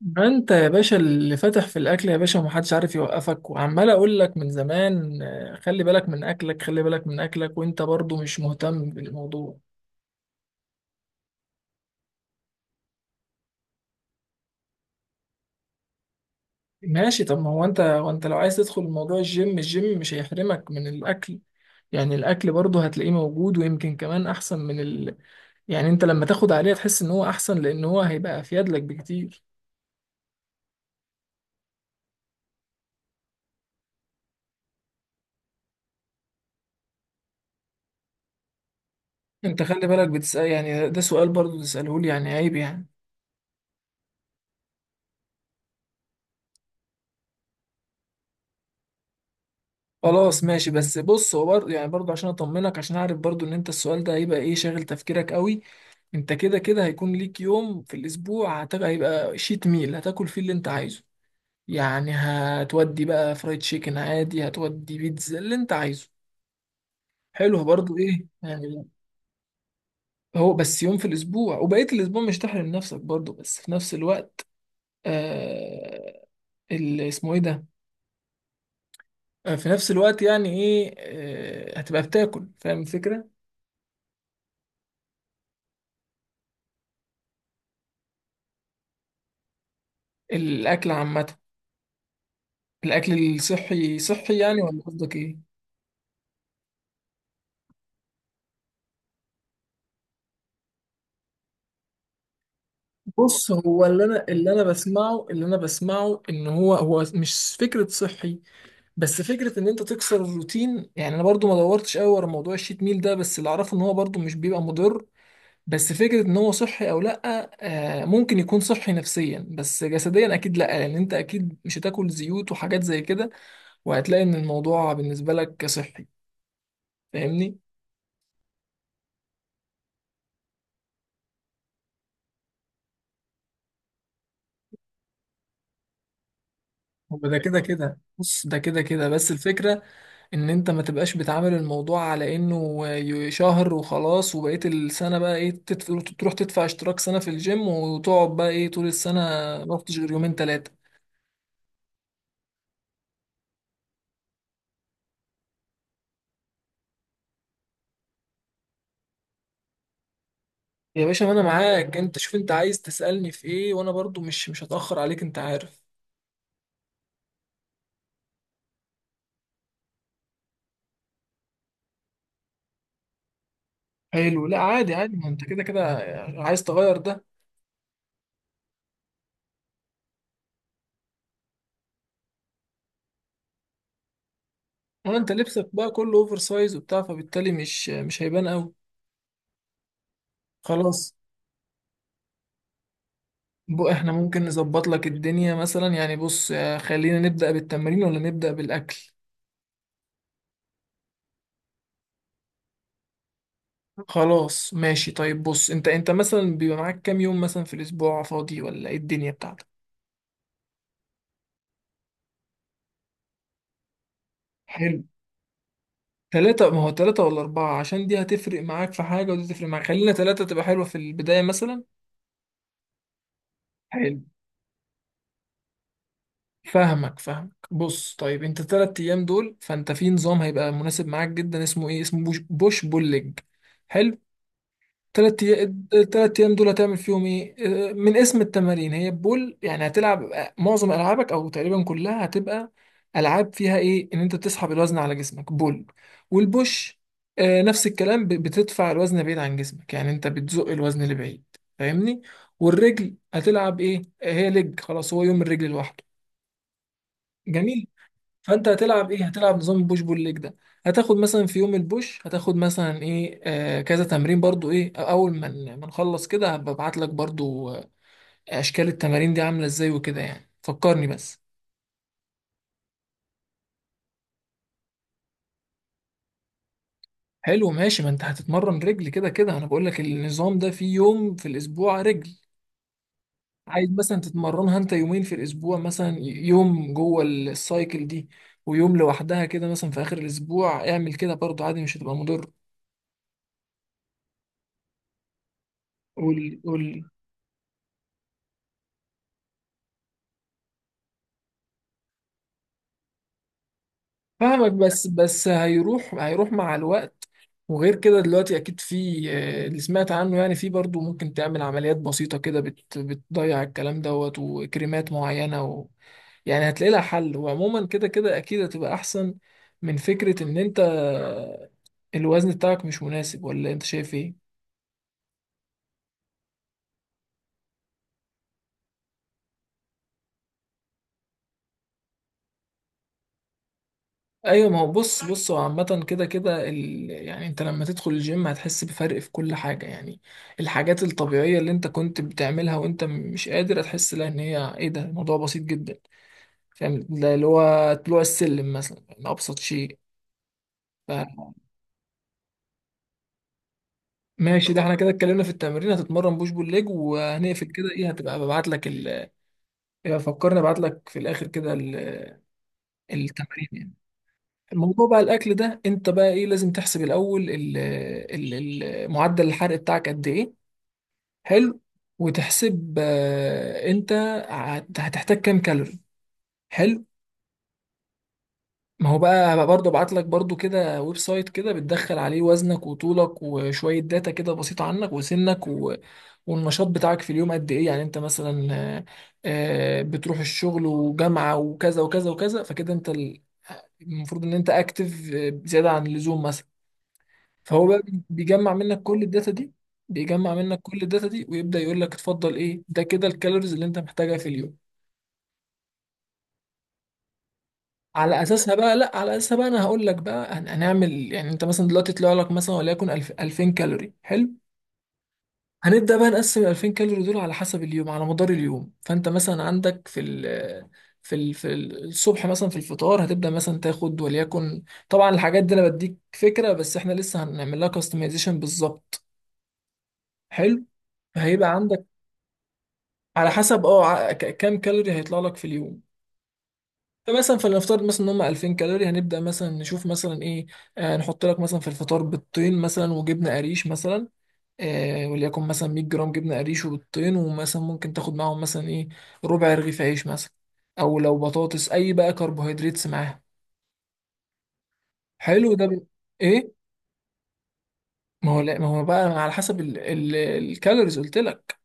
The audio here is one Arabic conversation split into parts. ما انت يا باشا اللي فاتح في الاكل يا باشا ومحدش عارف يوقفك وعمال اقول لك من زمان، خلي بالك من اكلك. وانت برضو مش مهتم بالموضوع. ماشي. طب ما هو انت، وانت لو عايز تدخل موضوع الجيم، الجيم مش هيحرمك من الاكل. يعني الاكل برضو هتلاقيه موجود، ويمكن كمان احسن من ال... يعني انت لما تاخد عليه تحس ان هو احسن، لان هو هيبقى افيد لك بكتير. انت خلي بالك بتسأل، يعني ده سؤال برضو تسأله لي؟ يعني عيب يعني. خلاص ماشي، بس بص، هو يعني برضه عشان اطمنك، عشان اعرف برضه ان انت السؤال ده هيبقى ايه، شاغل تفكيرك قوي. انت كده كده هيكون ليك يوم في الاسبوع هيبقى شيت ميل، هتاكل فيه اللي انت عايزه. يعني هتودي بقى فرايد تشيكن عادي، هتودي بيتزا اللي انت عايزه. حلو برضه، ايه يعني. هو بس يوم في الاسبوع، وبقية الاسبوع مش تحرم نفسك برضه، بس في نفس الوقت آه... اللي اسمه ايه ده، في نفس الوقت يعني ايه، هتبقى بتاكل، فاهم الفكرة. الاكل عامة، الاكل الصحي صحي يعني، ولا قصدك ايه؟ بص، هو اللي انا بسمعه، ان هو مش فكره صحي، بس فكره ان انت تكسر الروتين. يعني انا برضو ما دورتش قوي ورا موضوع الشيت ميل ده، بس اللي اعرفه ان هو برضو مش بيبقى مضر. بس فكره ان هو صحي او لا، آه ممكن يكون صحي نفسيا، بس جسديا اكيد لا، لان انت اكيد مش هتاكل زيوت وحاجات زي كده، وهتلاقي ان الموضوع بالنسبه لك صحي. فاهمني؟ هو ده كده كده. بص، ده كده كده، بس الفكرة ان انت ما تبقاش بتعامل الموضوع على انه شهر وخلاص، وبقية السنة بقى ايه، تدفع، تروح تدفع اشتراك سنة في الجيم وتقعد بقى ايه طول السنة ما رحتش غير يومين تلاتة. يا باشا ما انا معاك، انت شوف انت عايز تسألني في ايه، وانا برضو مش هتأخر عليك، انت عارف. حلو، لا عادي عادي، ما انت كده كده عايز تغير ده. وانت لبسك بقى كله اوفر سايز وبتاع، فبالتالي مش هيبان قوي. خلاص، احنا ممكن نظبط لك الدنيا مثلا. يعني بص، خلينا نبدأ بالتمرين ولا نبدأ بالأكل؟ خلاص ماشي. طيب بص، انت مثلا بيبقى معاك كام يوم مثلا في الأسبوع فاضي، ولا ايه الدنيا بتاعتك؟ حلو، تلاتة. ما هو تلاتة ولا أربعة، عشان دي هتفرق معاك في حاجة ودي تفرق معاك. خلينا تلاتة تبقى حلوة في البداية مثلا. حلو. فاهمك. بص طيب، انت تلات أيام دول فانت في نظام هيبقى مناسب معاك جدا، اسمه ايه، اسمه بوش, بوش بول ليج. حلو، تلات أيام، دول هتعمل فيهم إيه؟ من اسم التمارين، هي بول، يعني هتلعب معظم ألعابك أو تقريبا كلها هتبقى ألعاب فيها إيه؟ إن أنت بتسحب الوزن على جسمك، بول. والبوش، نفس الكلام، بتدفع الوزن بعيد عن جسمك، يعني أنت بتزق الوزن لبعيد. فاهمني؟ والرجل هتلعب إيه؟ هي لج، خلاص هو يوم الرجل لوحده. جميل. فانت هتلعب ايه، هتلعب نظام بوش بول ليج ده. هتاخد مثلا في يوم البوش، هتاخد مثلا ايه، آه كذا تمرين. برضو ايه، اول ما نخلص كده هبعت لك برضو، اشكال التمارين دي عامله ازاي وكده يعني. فكرني بس. حلو ماشي، ما انت هتتمرن رجل كده كده، انا بقول لك النظام ده فيه يوم في الاسبوع رجل. عايز مثلا تتمرنها انت يومين في الاسبوع، مثلا يوم جوه السايكل دي ويوم لوحدها كده مثلا في اخر الاسبوع، اعمل كده برضو عادي، مش هتبقى مضر. قول قول. فاهمك، بس هيروح، مع الوقت. وغير كده دلوقتي اكيد في، اللي سمعت عنه يعني، في برضو ممكن تعمل عمليات بسيطة كده بت بتضيع الكلام دوت، وكريمات معينة، و... يعني هتلاقي لها حل. وعموما كده كده اكيد هتبقى احسن من فكرة ان انت الوزن بتاعك مش مناسب، ولا انت شايف ايه؟ ايوه ما هو، بص هو عامة كده كده ال... يعني انت لما تدخل الجيم هتحس بفرق في كل حاجة. يعني الحاجات الطبيعية اللي انت كنت بتعملها وانت مش قادر، هتحس لها ان هي ايه، ده الموضوع بسيط جدا. فاهم؟ ده اللي هو طلوع السلم مثلا، يعني ابسط شيء. فماشي، ده احنا كده اتكلمنا في التمرين، هتتمرن بوش بول ليج، وهنقفل كده. ايه، هتبقى ببعت لك ال... يبقى فكرني ابعت لك في الاخر كده ال... التمرين يعني. الموضوع بقى الاكل ده، انت بقى ايه، لازم تحسب الاول ال... ال... معدل الحرق بتاعك قد ايه. حلو. وتحسب، انت هتحتاج كام كالوري. حلو. ما هو بقى، برضه ابعت لك برضه كده ويب سايت، كده بتدخل عليه وزنك وطولك وشويه داتا كده بسيطه عنك وسنك و... والنشاط بتاعك في اليوم قد ايه، يعني انت مثلا بتروح الشغل وجامعه وكذا وكذا وكذا، فكده انت المفروض ان انت اكتف زياده عن اللزوم مثلا. فهو بقى بيجمع منك كل الداتا دي، ويبدأ يقول لك اتفضل ايه، ده كده الكالوريز اللي انت محتاجها في اليوم. على اساسها بقى، لا، على اساسها بقى انا هقول لك بقى، هنعمل يعني. انت مثلا دلوقتي طلع لك مثلا، وليكن 1000 2000 كالوري، حلو. هنبدا بقى نقسم ال 2000 كالوري دول على حسب اليوم، على مدار اليوم. فانت مثلا عندك في الصبح مثلا، في الفطار هتبدا مثلا تاخد، وليكن، طبعا الحاجات دي انا بديك فكره، بس احنا لسه هنعمل لها كاستمايزيشن بالظبط. حلو. فهيبقى عندك على حسب، اه، كام كالوري هيطلع لك في اليوم. فمثلا فلنفترض مثلا ان هم 2000 كالوري، هنبدا مثلا نشوف مثلا ايه، آه نحط لك مثلا في الفطار بيضتين مثلا، وجبنه قريش مثلا، آه وليكن مثلا 100 جرام جبنه قريش وبيضتين. ومثلا ممكن تاخد معاهم مثلا ايه، ربع رغيف عيش مثلا، او لو بطاطس، اي بقى كربوهيدراتس معاها. حلو ده بن... ايه، ما هو لا، ما هو بقى على حسب ال... ال... الكالوريز قلت لك.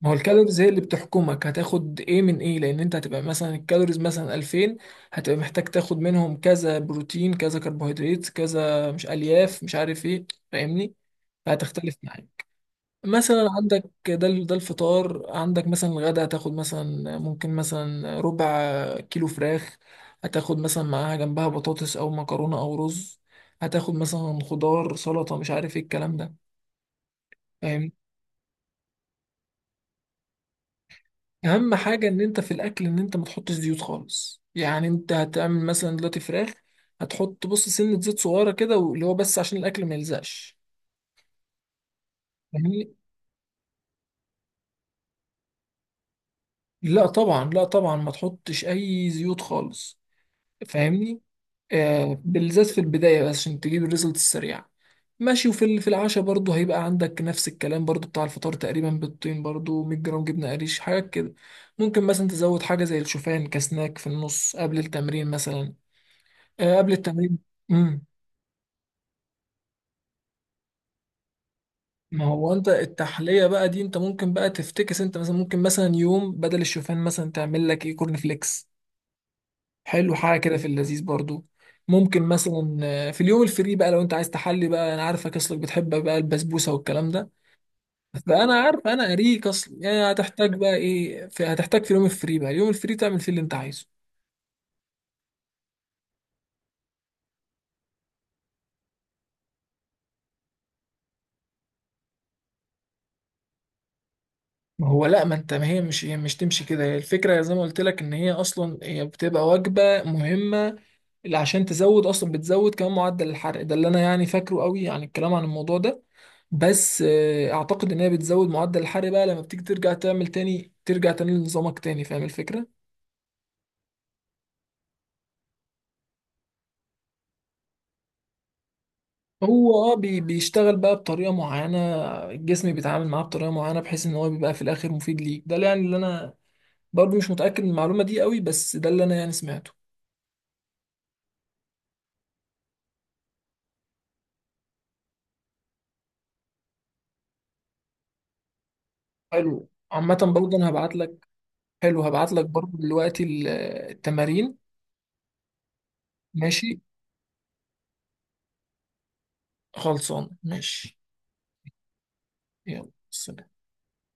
ما هو الكالوريز هي اللي بتحكمك هتاخد ايه من ايه. لان انت هتبقى مثلا الكالوريز مثلا 2000، هتبقى محتاج تاخد منهم كذا بروتين، كذا كربوهيدرات، كذا مش الياف، مش عارف ايه. فاهمني؟ فهتختلف معاك. مثلا عندك ده ده الفطار. عندك مثلا الغدا هتاخد مثلا، ممكن مثلا ربع كيلو فراخ، هتاخد مثلا معاها جنبها بطاطس او مكرونة او رز، هتاخد مثلا خضار سلطة مش عارف ايه الكلام ده. فاهمني؟ اهم حاجه ان انت في الاكل، ان انت ما تحطش زيوت خالص. يعني انت هتعمل مثلا دلوقتي فراخ، هتحط بص سنه زيت صغيره كده، واللي هو بس عشان الاكل ما يلزقش. فاهمني؟ لا طبعا، لا طبعا ما تحطش اي زيوت خالص. فاهمني؟ آه بالذات في البدايه، بس عشان تجيب الريزلت السريع. ماشي، وفي ال- في العشاء برضه هيبقى عندك نفس الكلام برضه بتاع الفطار تقريبا، بالطين برضه 100 جرام جبنه قريش، حاجات كده. ممكن مثلا تزود حاجه زي الشوفان كسناك في النص قبل التمرين مثلا، قبل التمرين. امم ما هو انت التحليه بقى دي انت ممكن بقى تفتكس. انت مثلا ممكن مثلا يوم بدل الشوفان مثلا تعمل لك ايه، كورن فليكس. حلو حاجه كده في اللذيذ برضو. ممكن مثلا في اليوم الفري بقى، لو انت عايز تحلي بقى، انا عارفك اصلك بتحب بقى البسبوسه والكلام ده. فانا عارف، انا قريك اصلا يعني. هتحتاج بقى ايه في، هتحتاج في اليوم الفري بقى، اليوم الفري تعمل فيه اللي انت عايزه. ما هو لا، ما انت، ما هي مش، هي مش تمشي كده. هي الفكره زي ما قلت لك ان هي اصلا هي بتبقى وجبه مهمه، اللي عشان تزود اصلا، بتزود كمان معدل الحرق ده اللي انا يعني فاكره قوي يعني الكلام عن الموضوع ده. بس اعتقد ان هي بتزود معدل الحرق بقى، لما بتيجي ترجع تعمل تاني، ترجع تاني لنظامك تاني. فاهم الفكرة؟ هو اه بيشتغل بقى بطريقة معينة، الجسم بيتعامل معاه بطريقة معينة، بحيث ان هو بيبقى في الاخر مفيد ليك. ده يعني اللي انا برضو مش متأكد من المعلومة دي قوي، بس ده اللي انا يعني سمعته. حلو، عامة برضو انا هبعت لك، حلو هبعت لك برضو دلوقتي التمارين. ماشي، خلصان ماشي. يلا سلام.